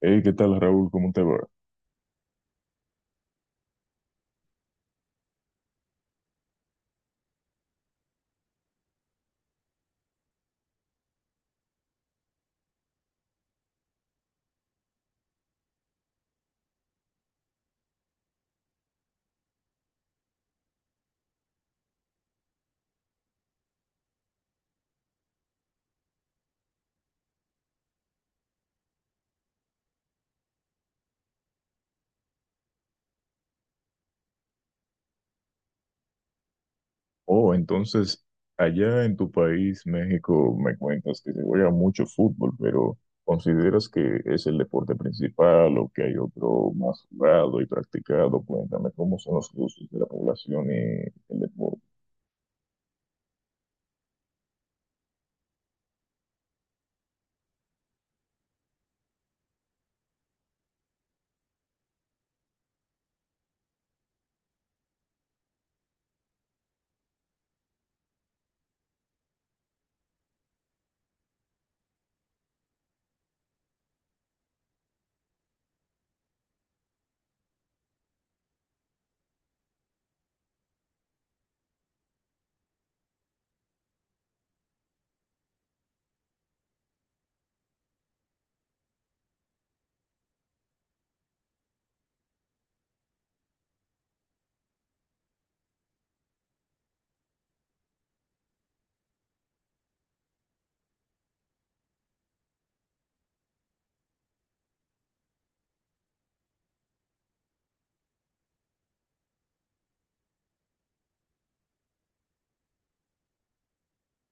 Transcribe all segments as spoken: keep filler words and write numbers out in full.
Hey, ¿qué tal, Raúl? ¿Cómo te va? Oh, entonces, allá en tu país, México, me cuentas que se juega mucho fútbol, pero ¿consideras que es el deporte principal o que hay otro más jugado y practicado? Cuéntame, ¿cómo son los gustos de la población y el deporte?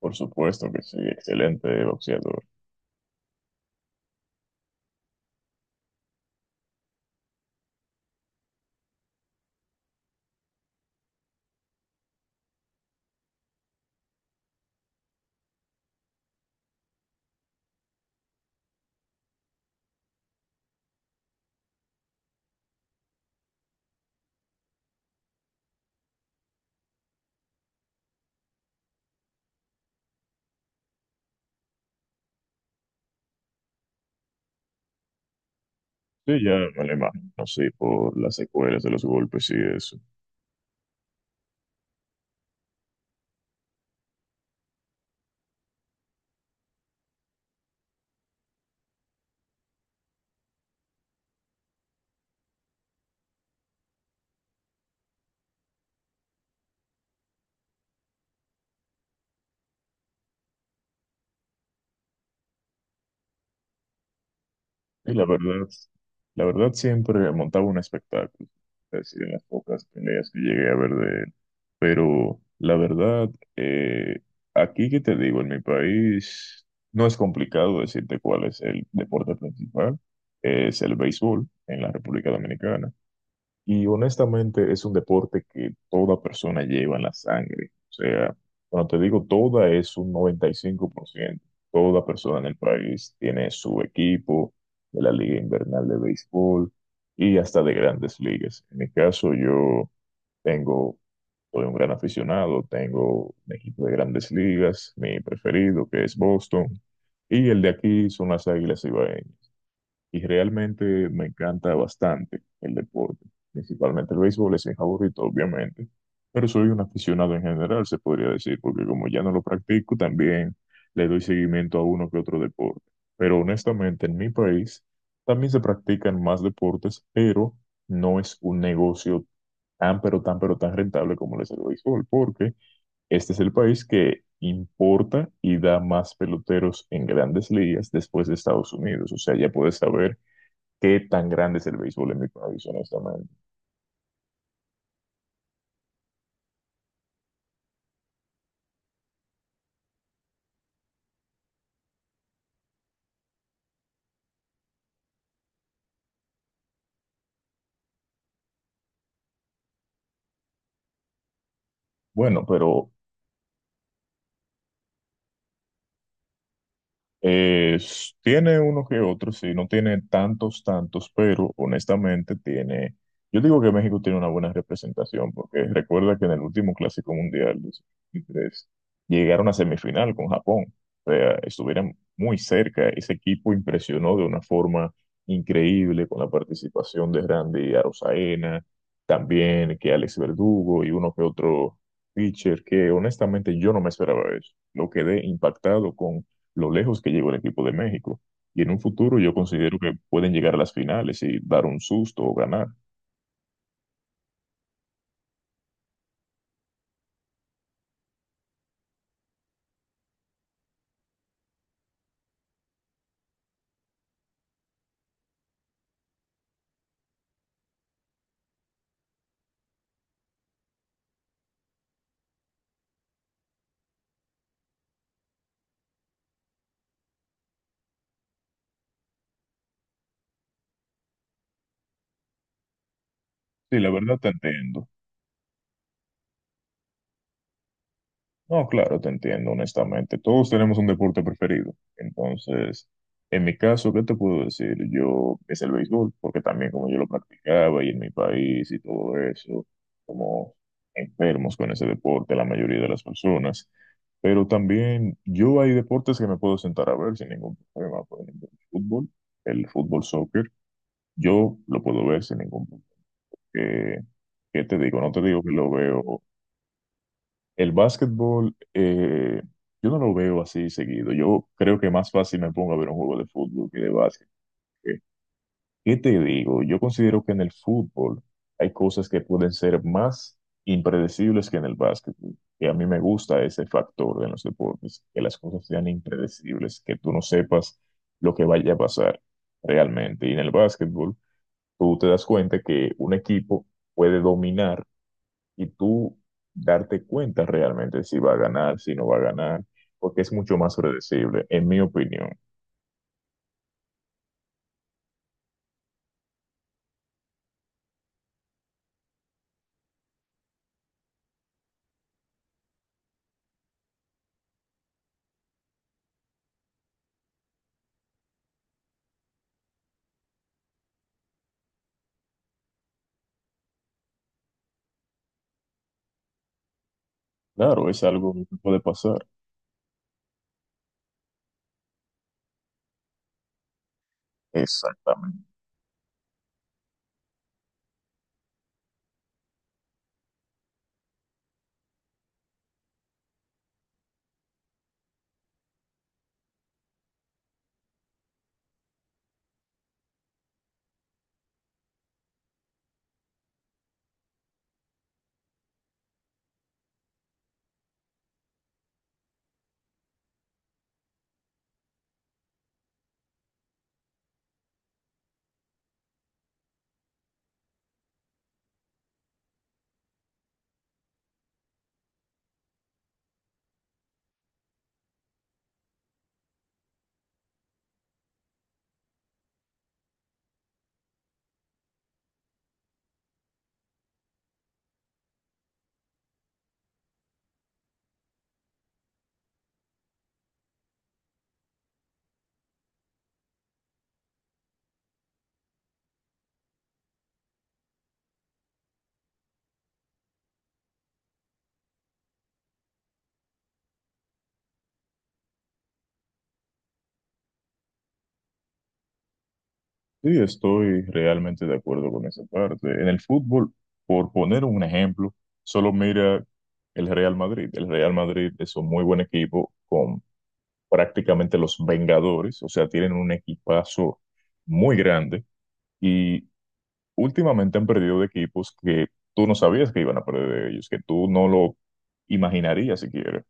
Por supuesto que sí, excelente boxeador. Sí, ya me lo imagino, sí, por las secuelas de los golpes y eso. Y la verdad, la verdad siempre montaba un espectáculo. Es decir, en las pocas peleas que llegué a ver de él. Pero la verdad, eh, aquí que te digo, en mi país no es complicado decirte cuál es el deporte principal. Es el béisbol en la República Dominicana. Y honestamente es un deporte que toda persona lleva en la sangre. O sea, cuando te digo toda es un noventa y cinco por ciento. Toda persona en el país tiene su equipo de la Liga Invernal de Béisbol y hasta de grandes ligas. En mi caso, yo tengo, soy un gran aficionado, tengo un equipo de grandes ligas, mi preferido, que es Boston, y el de aquí son las Águilas Ibaeñas, y realmente me encanta bastante el deporte, principalmente el béisbol es mi favorito, obviamente, pero soy un aficionado en general, se podría decir, porque como ya no lo practico, también le doy seguimiento a uno que otro deporte. Pero honestamente, en mi país también se practican más deportes, pero no es un negocio tan, pero tan, pero tan rentable como lo es el béisbol, porque este es el país que importa y da más peloteros en grandes ligas después de Estados Unidos. O sea, ya puedes saber qué tan grande es el béisbol en Micronavis, honestamente. Bueno, pero Eh, s- tiene uno que otro, sí, no tiene tantos, tantos, pero honestamente tiene, yo digo que México tiene una buena representación, porque recuerda que en el último Clásico Mundial de dos mil veintitrés llegaron a semifinal con Japón. O sea, estuvieron muy cerca, ese equipo impresionó de una forma increíble con la participación de Randy Arozarena, también que Alex Verdugo y uno que otro pitcher, que honestamente yo no me esperaba eso, lo quedé impactado con lo lejos que llegó el equipo de México. Y en un futuro yo considero que pueden llegar a las finales y dar un susto o ganar. Sí, la verdad te entiendo. No, claro, te entiendo, honestamente. Todos tenemos un deporte preferido. Entonces, en mi caso, ¿qué te puedo decir? Yo es el béisbol, porque también como yo lo practicaba y en mi país y todo eso, como enfermos con ese deporte, la mayoría de las personas. Pero también yo hay deportes que me puedo sentar a ver sin ningún problema. Por ejemplo, el fútbol, el fútbol soccer. Yo lo puedo ver sin ningún problema. ¿Qué, qué te digo? No te digo que lo veo. El básquetbol, eh, yo no lo veo así seguido. Yo creo que más fácil me pongo a ver un juego de fútbol que de básquet. ¿Qué, qué te digo? Yo considero que en el fútbol hay cosas que pueden ser más impredecibles que en el básquetbol. Y a mí me gusta ese factor de los deportes, que las cosas sean impredecibles, que tú no sepas lo que vaya a pasar realmente. Y en el básquetbol, tú te das cuenta que un equipo puede dominar y tú darte cuenta realmente si va a ganar, si no va a ganar, porque es mucho más predecible, en mi opinión. Claro, es algo que puede pasar. Exactamente. Sí, estoy realmente de acuerdo con esa parte. En el fútbol, por poner un ejemplo, solo mira el Real Madrid. El Real Madrid es un muy buen equipo con prácticamente los Vengadores, o sea, tienen un equipazo muy grande, y últimamente han perdido de equipos que tú no sabías que iban a perder de ellos, que tú no lo imaginarías siquiera.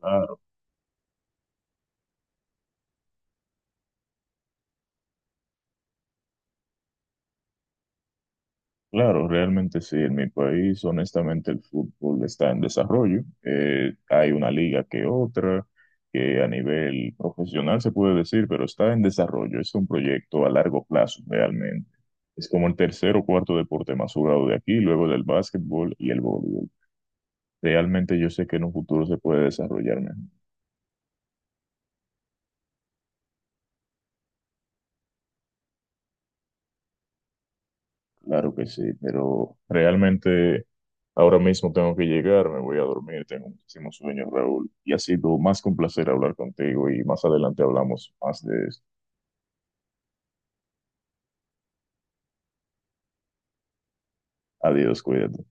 Claro, claro, realmente sí. En mi país, honestamente, el fútbol está en desarrollo. Eh, hay una liga que otra, que a nivel profesional se puede decir, pero está en desarrollo. Es un proyecto a largo plazo, realmente. Es como el tercer o cuarto deporte más jugado de aquí, luego del básquetbol y el voleibol. Realmente yo sé que en un futuro se puede desarrollar mejor. Claro que sí, pero realmente ahora mismo tengo que llegar, me voy a dormir, tengo muchísimo sueño, Raúl, y ha sido más que un placer hablar contigo y más adelante hablamos más de esto. Adiós, cuídate.